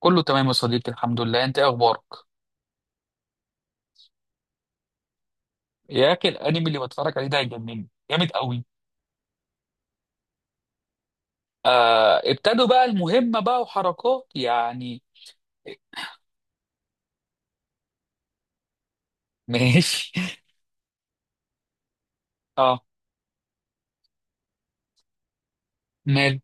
كله تمام يا صديقي، الحمد لله. انت ايه اخبارك؟ يا اخي الانمي اللي بتفرج عليه ده هيجنني جامد قوي. آه ابتدوا بقى المهمه بقى وحركات يعني. ماشي. اه. مال.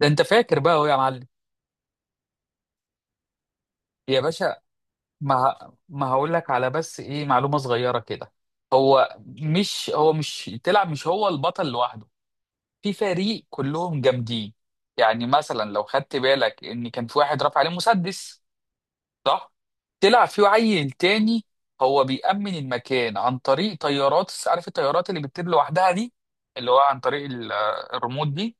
ده انت فاكر بقى اهو يا معلم. يا باشا ما هقول لك على بس ايه معلومه صغيره كده. هو مش هو مش تلعب مش هو البطل لوحده، في فريق كلهم جامدين. يعني مثلا لو خدت بالك ان كان في واحد رافع عليه مسدس. صح. طلع في عيل تاني. هو بيأمن المكان عن طريق طيارات عارف الطيارات اللي بتطير لوحدها دي، اللي هو عن طريق الريموت دي.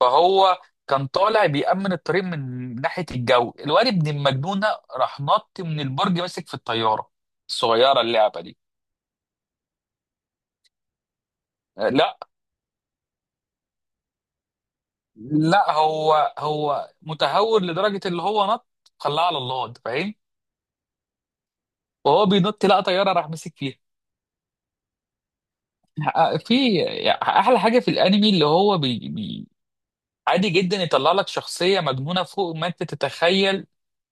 فهو كان طالع بيأمن الطريق من ناحية الجو. الواد ابن المجنونة راح نط من البرج ماسك في الطيارة الصغيرة اللعبة دي. لا، هو متهور لدرجة اللي هو نط. خلاه على الله انت فاهم. وهو بينط لقى طيارة راح ماسك فيها. في احلى حاجه في الانمي اللي هو عادي جدا يطلع لك شخصية مجنونة فوق ما انت تتخيل.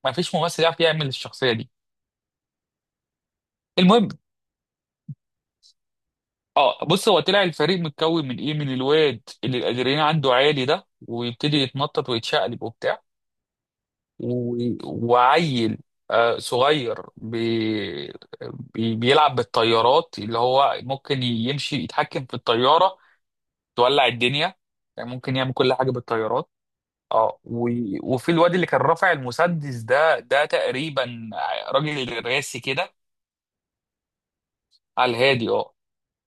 ما فيش ممثل يعرف يعمل الشخصية دي. المهم. اه بص هو طلع الفريق متكون من ايه؟ من الواد اللي الادرينالين عنده عالي ده ويبتدي يتنطط ويتشقلب وبتاع. و... وعيل آه صغير بيلعب بالطيارات، اللي هو ممكن يمشي يتحكم في الطيارة، تولع الدنيا. يعني ممكن يعمل كل حاجة بالطيارات. اه و... وفي الواد اللي كان رافع المسدس ده تقريبا راجل راسي كده على الهادي اه.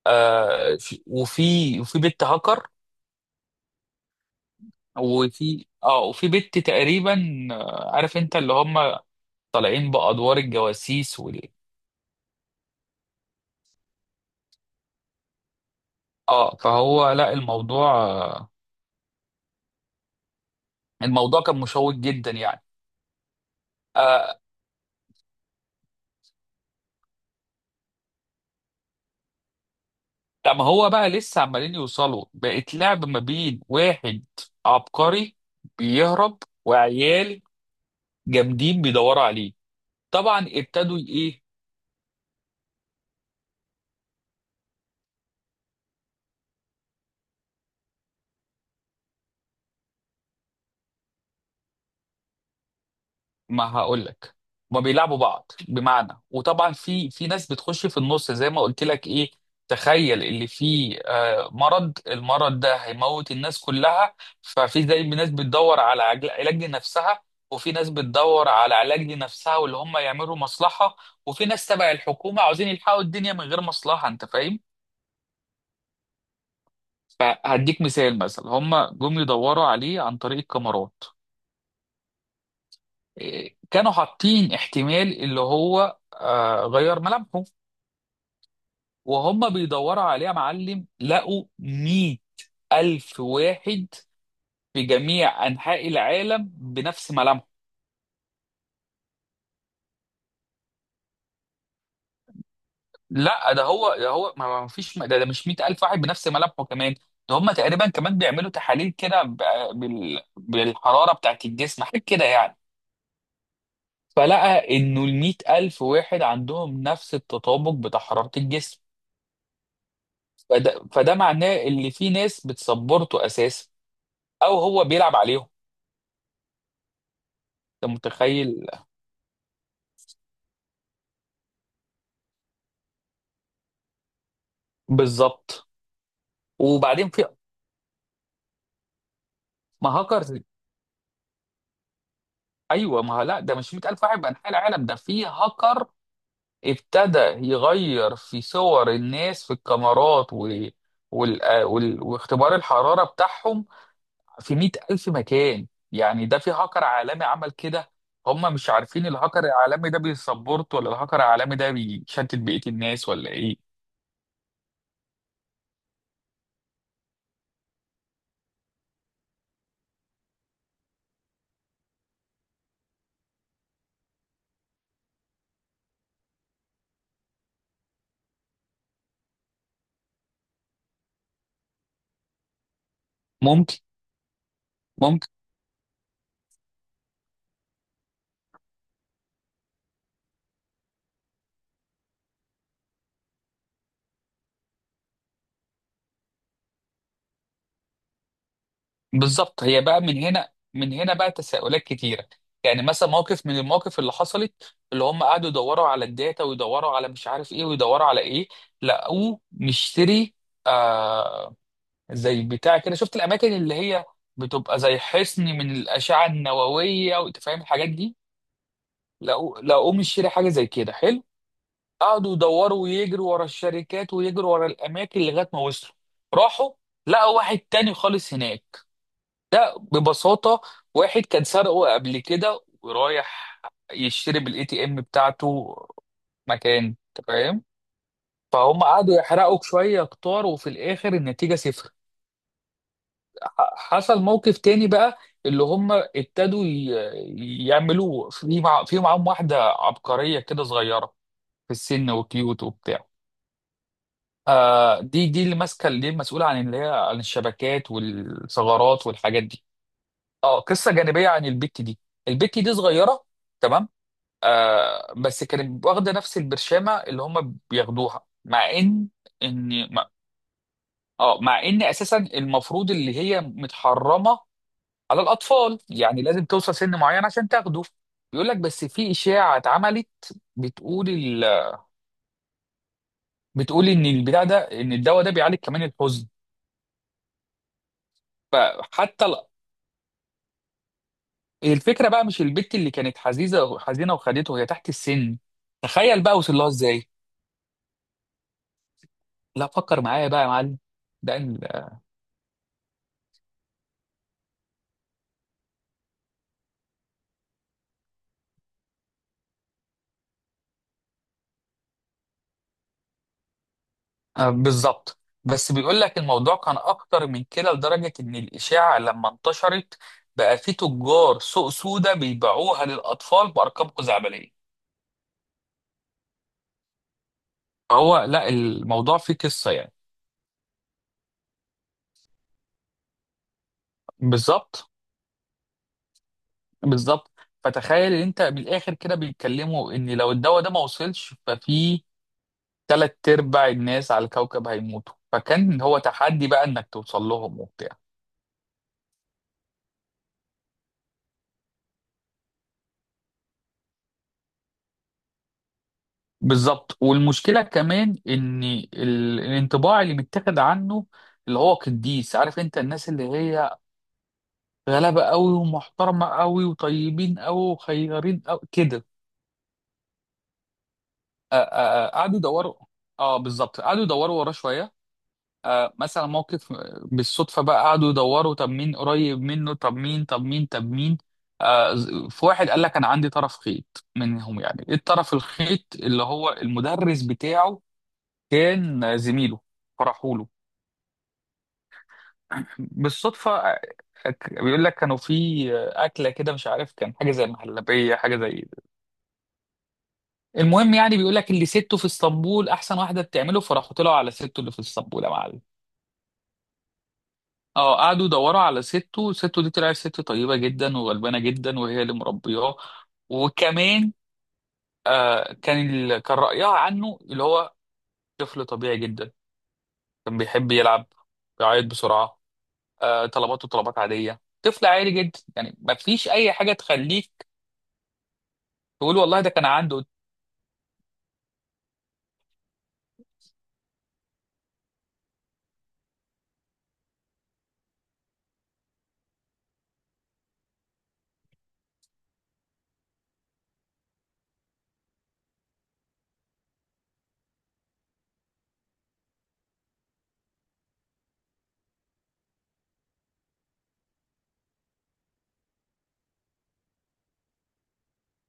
وفي بنت هاكر. وفي بنت تقريبا، عارف انت اللي هم طالعين بأدوار الجواسيس اه. لا الموضوع الموضوع كان مشوق جدا يعني. آه طب هو بقى لسه عمالين يوصلوا بقت لعب ما بين واحد عبقري بيهرب وعيال جامدين بيدوروا عليه. طبعا ابتدوا ايه. ما هقول لك ما بيلعبوا بعض بمعنى. وطبعا في ناس بتخش في النص زي ما قلت لك ايه. تخيل اللي فيه المرض ده هيموت الناس كلها. ففي زي ناس بتدور على علاج لنفسها. وفي ناس بتدور على علاج لنفسها واللي هم يعملوا مصلحة. وفي ناس تبع الحكومة عاوزين يلحقوا الدنيا من غير مصلحة انت فاهم. فهديك مثال مثلا، هم جم يدوروا عليه عن طريق الكاميرات، كانوا حاطين احتمال اللي هو غير ملامحه. وهم بيدوروا عليه يا معلم لقوا 100 ألف واحد في جميع أنحاء العالم بنفس ملامحه. لا ده هو ما فيش ده مش 100 ألف واحد بنفس ملامحه كمان. ده هم تقريبا كمان بيعملوا تحاليل كده بالحرارة بتاعت الجسم حاجة كده يعني. فلقى إنه ال 100 ألف واحد عندهم نفس التطابق بتاع حرارة الجسم. فده معناه ان في ناس بتسبورته اساسا او هو بيلعب عليهم. انت متخيل؟ بالظبط. وبعدين في ما هاكر. ايوه ما هو لا ده مش 100,000 واحد بانحاء العالم، ده في هاكر ابتدى يغير في صور الناس في الكاميرات واختبار الحراره بتاعهم في 100,000 مكان. يعني ده في هاكر عالمي عمل كده. هم مش عارفين الهاكر العالمي ده بيسبورت ولا الهاكر العالمي ده بيشتت بقيه الناس ولا ايه. ممكن. بالظبط. هي بقى من هنا بقى تساؤلات كتيره. يعني مثلا موقف من المواقف اللي حصلت اللي هم قعدوا يدوروا على الداتا ويدوروا على مش عارف ايه ويدوروا على ايه لقوه مشتري. آه زي بتاع كده، شفت الاماكن اللي هي بتبقى زي حصن من الاشعه النوويه وانت فاهم الحاجات دي. لقوه مشتري حاجه زي كده حلو. قعدوا يدوروا ويجروا ورا الشركات ويجروا ورا الاماكن لغايه ما وصلوا. راحوا لقوا واحد تاني خالص هناك. لا ببساطة، واحد كان سرقه قبل كده ورايح يشتري بالاي تي ام بتاعته مكان أنت فاهم. فهم قعدوا يحرقوا شوية كتار وفي الآخر النتيجة صفر. حصل موقف تاني بقى. اللي هم ابتدوا يعملوا في معاهم واحدة عبقرية كده صغيرة في السن وكيوت وبتاع. آه دي اللي ماسكة دي المسؤولة عن اللي هي عن الشبكات والثغرات والحاجات دي. اه قصه جانبيه عن البت دي. البت دي صغيره. تمام. آه بس كانت واخده نفس البرشامه اللي هم بياخدوها مع ان ان ما- اه مع ان اساسا المفروض اللي هي متحرمه على الاطفال، يعني لازم توصل سن معين عشان تاخده. بيقول لك بس في اشاعه اتعملت بتقول ال... بتقول ان البتاع ده ان الدواء ده بيعالج كمان الحزن. فحتى ال- الفكره بقى مش البت اللي كانت حزينه وخدته هي تحت السن. تخيل بقى وصل لها ازاي. لا فكر معايا بقى يا معلم. ده ال- آه، بالظبط. بس بيقول لك الموضوع كان اكتر من كده لدرجه ان الاشاعه لما انتشرت بقى في تجار سوق سودا بيبيعوها للاطفال بارقام خزعبليه. هو لا الموضوع فيه قصه يعني. بالظبط بالظبط. فتخيل ان انت من الاخر كده بيتكلموا ان لو الدواء ده ما وصلش ففي تلات ارباع الناس على الكوكب هيموتوا، فكان هو تحدي بقى انك توصل لهم وبتاع. بالظبط. والمشكله كمان ان الانطباع اللي متاخد عنه اللي هو قديس. عارف انت الناس اللي هي غلابه قوي ومحترمه قوي وطيبين قوي وخيارين قوي كده. آ- آ- آ، قعدوا يدوروا. اه بالظبط قعدوا يدوروا وراه شويه. آه مثلا موقف بالصدفه بقى قعدوا يدوروا طب مين قريب منه طب مين. في واحد قال لك انا عندي طرف خيط منهم. يعني ايه الطرف الخيط؟ اللي هو المدرس بتاعه كان زميله. فرحوا له. بالصدفة. بيقول لك كانوا في أكلة كده مش عارف كان حاجة زي المهلبية حاجة زي. المهم يعني بيقول لك اللي سته في اسطنبول أحسن واحدة بتعمله، فراحوا طلعوا على سته اللي في اسطنبول يا معلم. اه قعدوا يدوروا على سته. سته دي طلعت ست طيبة جدا وغلبانة جدا وهي اللي مربياه. وكمان كان رأيها عنه اللي هو طفل طبيعي جدا. كان بيحب يلعب، بيعيط بسرعة، طلباته طلبات عاديه، طفل عادي جدا، يعني ما فيش اي حاجه تخليك تقول والله ده كان عنده.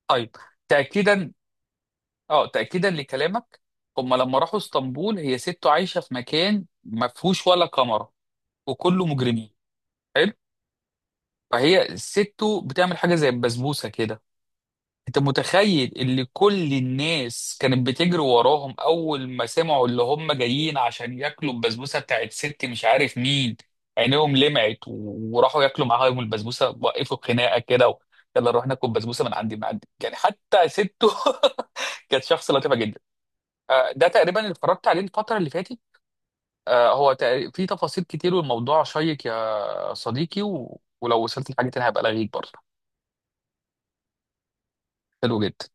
طيب. تاكيدا. اه تاكيدا لكلامك، هم لما راحوا اسطنبول هي سته عايشه في مكان ما فيهوش ولا كاميرا وكله مجرمين. حلو. فهي سته بتعمل حاجه زي البسبوسه كده. انت متخيل اللي كل الناس كانت بتجري وراهم اول ما سمعوا اللي هم جايين عشان ياكلوا البسبوسه بتاعت ست مش عارف مين. عينيهم لمعت وراحوا ياكلوا معاهم البسبوسه. وقفوا خناقه كده يلا نروح ناكل بسبوسه من عندي يعني. حتى سته كانت شخص لطيفه جدا. ده تقريبا اللي اتفرجت عليه الفتره اللي فاتت. في تفاصيل كتير والموضوع شيق يا صديقي ولو وصلت لحاجه تانية هبقى الغيك برضه. حلو جدا.